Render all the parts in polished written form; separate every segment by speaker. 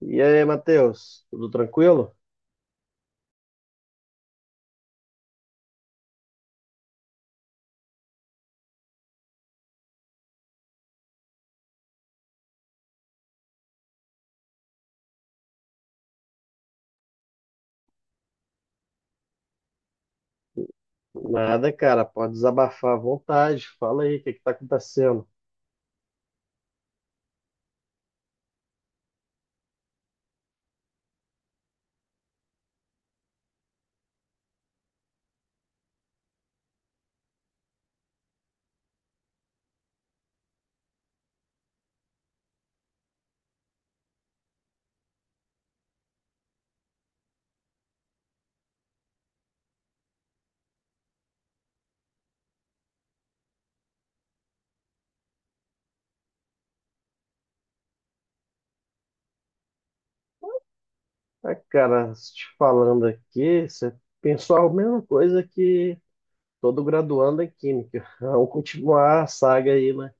Speaker 1: E aí, Matheus, tudo tranquilo? Nada, cara, pode desabafar à vontade. Fala aí, o que que tá acontecendo? Ah, cara, te falando aqui, você pensou a mesma coisa que todo graduando em Química. Vamos continuar a saga aí, né?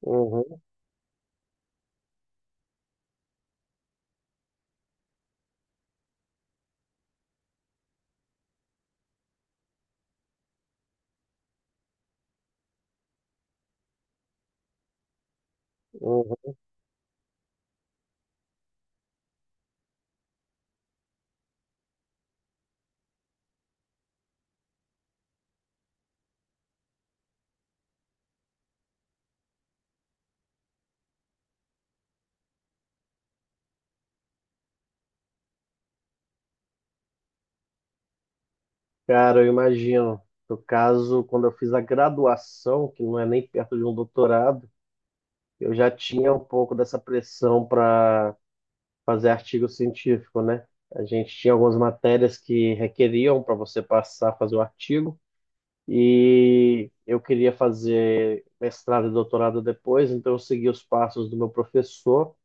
Speaker 1: Uhum, uhum. Cara, eu imagino. No caso, quando eu fiz a graduação, que não é nem perto de um doutorado, eu já tinha um pouco dessa pressão para fazer artigo científico, né? A gente tinha algumas matérias que requeriam para você passar, fazer o artigo, e eu queria fazer mestrado e doutorado depois, então eu segui os passos do meu professor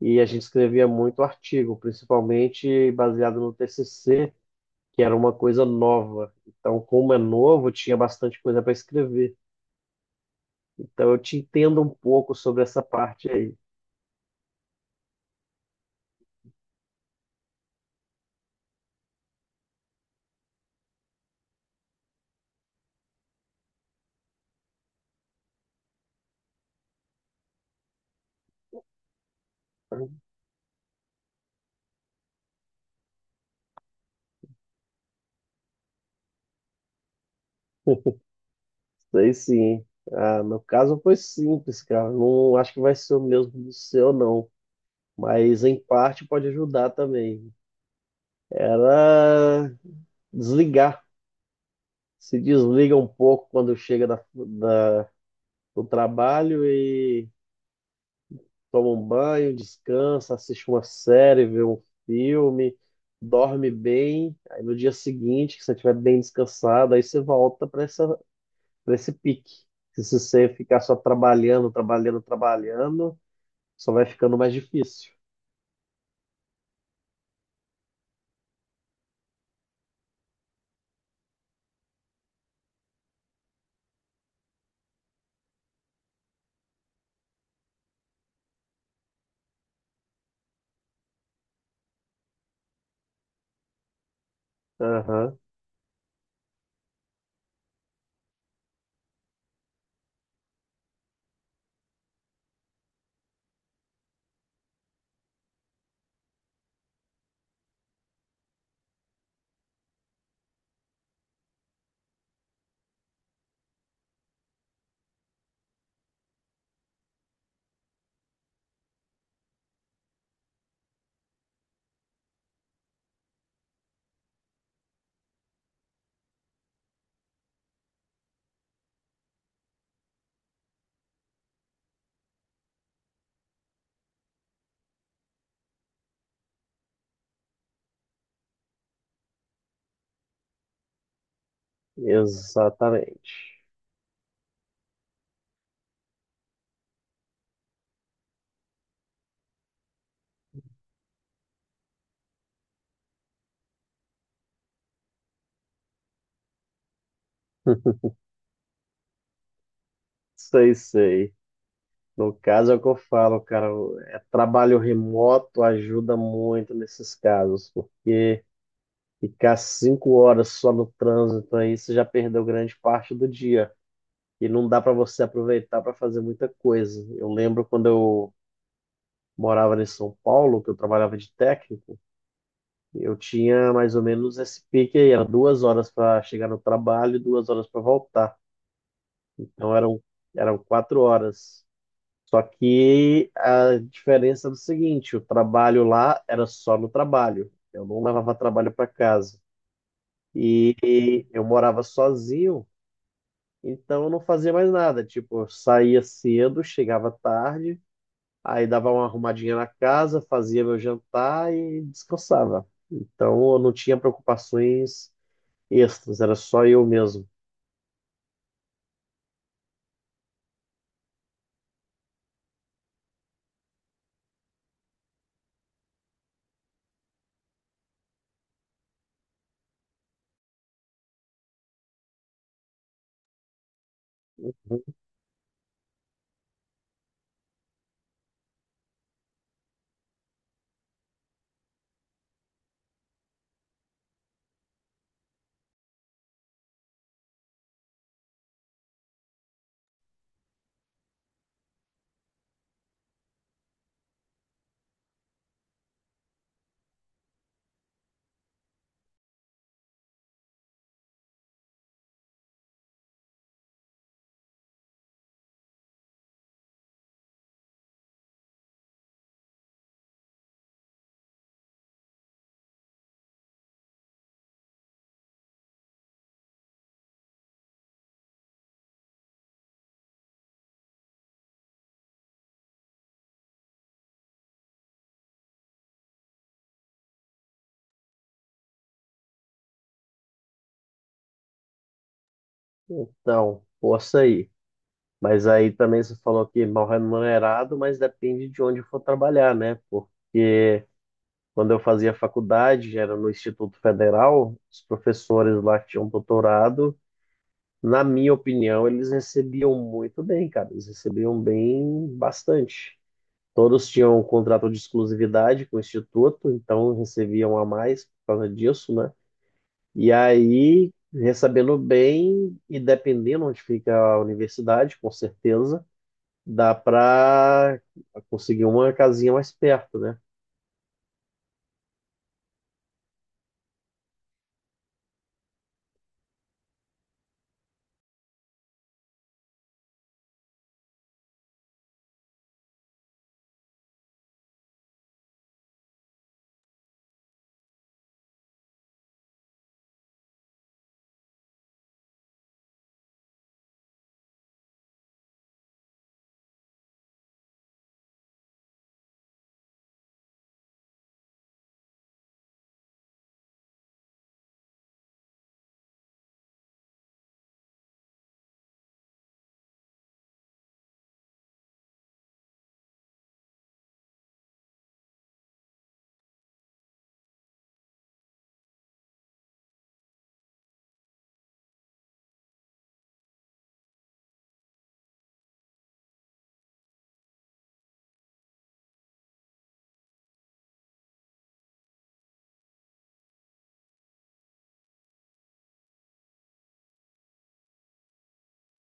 Speaker 1: e a gente escrevia muito artigo, principalmente baseado no TCC, que era uma coisa nova. Então, como é novo, tinha bastante coisa para escrever. Então, eu te entendo um pouco sobre essa parte aí. Sei sim. Ah, meu caso foi simples, cara. Não acho que vai ser o mesmo do seu, não. Mas em parte pode ajudar também. Era desligar. Se desliga um pouco quando chega do trabalho e toma um banho, descansa, assiste uma série, vê um filme, dorme bem. Aí no dia seguinte, que você estiver bem descansado, aí você volta para esse pique. Se você ficar só trabalhando, trabalhando, trabalhando. Só vai ficando mais difícil. Aham, exatamente. Sei, sei. No caso é o que eu falo, cara. É trabalho remoto ajuda muito nesses casos, pô. Ficar 5 horas só no trânsito aí, você já perdeu grande parte do dia. E não dá para você aproveitar para fazer muita coisa. Eu lembro quando eu morava em São Paulo, que eu trabalhava de técnico, eu tinha mais ou menos esse pique aí, era 2 horas para chegar no trabalho e 2 horas para voltar. Então eram 4 horas. Só que a diferença era o seguinte: o trabalho lá era só no trabalho. Eu não levava trabalho para casa. E eu morava sozinho, então eu não fazia mais nada. Tipo, eu saía cedo, chegava tarde, aí dava uma arrumadinha na casa, fazia meu jantar e descansava. Então eu não tinha preocupações extras, era só eu mesmo. Então, força aí. Mas aí também você falou que mal remunerado, mas depende de onde for trabalhar, né? Porque quando eu fazia faculdade, era no Instituto Federal, os professores lá que tinham doutorado, na minha opinião, eles recebiam muito bem, cara. Eles recebiam bem bastante. Todos tinham um contrato de exclusividade com o Instituto, então recebiam a mais por causa disso, né? E aí, recebendo bem, e dependendo onde fica a universidade, com certeza dá pra conseguir uma casinha mais perto, né?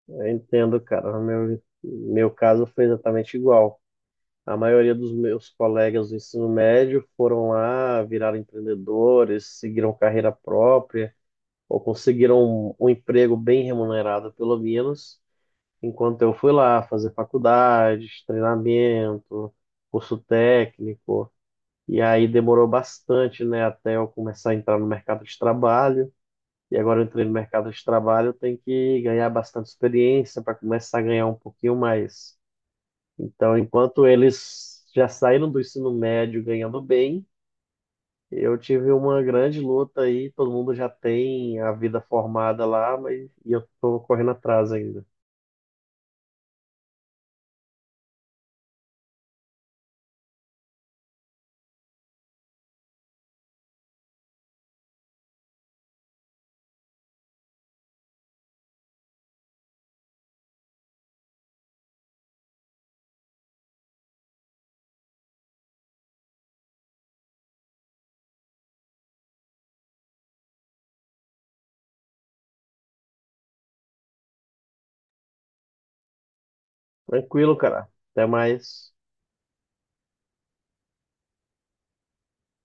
Speaker 1: Eu entendo, cara. No meu caso foi exatamente igual. A maioria dos meus colegas do ensino médio foram lá, viraram empreendedores, seguiram carreira própria, ou conseguiram um emprego bem remunerado, pelo menos, enquanto eu fui lá fazer faculdades, treinamento, curso técnico. E aí demorou bastante, né, até eu começar a entrar no mercado de trabalho. E agora eu entrei no mercado de trabalho, eu tenho que ganhar bastante experiência para começar a ganhar um pouquinho mais. Então, enquanto eles já saíram do ensino médio ganhando bem, eu tive uma grande luta aí, todo mundo já tem a vida formada lá, mas e eu tô correndo atrás ainda. Tranquilo, cara. Até mais.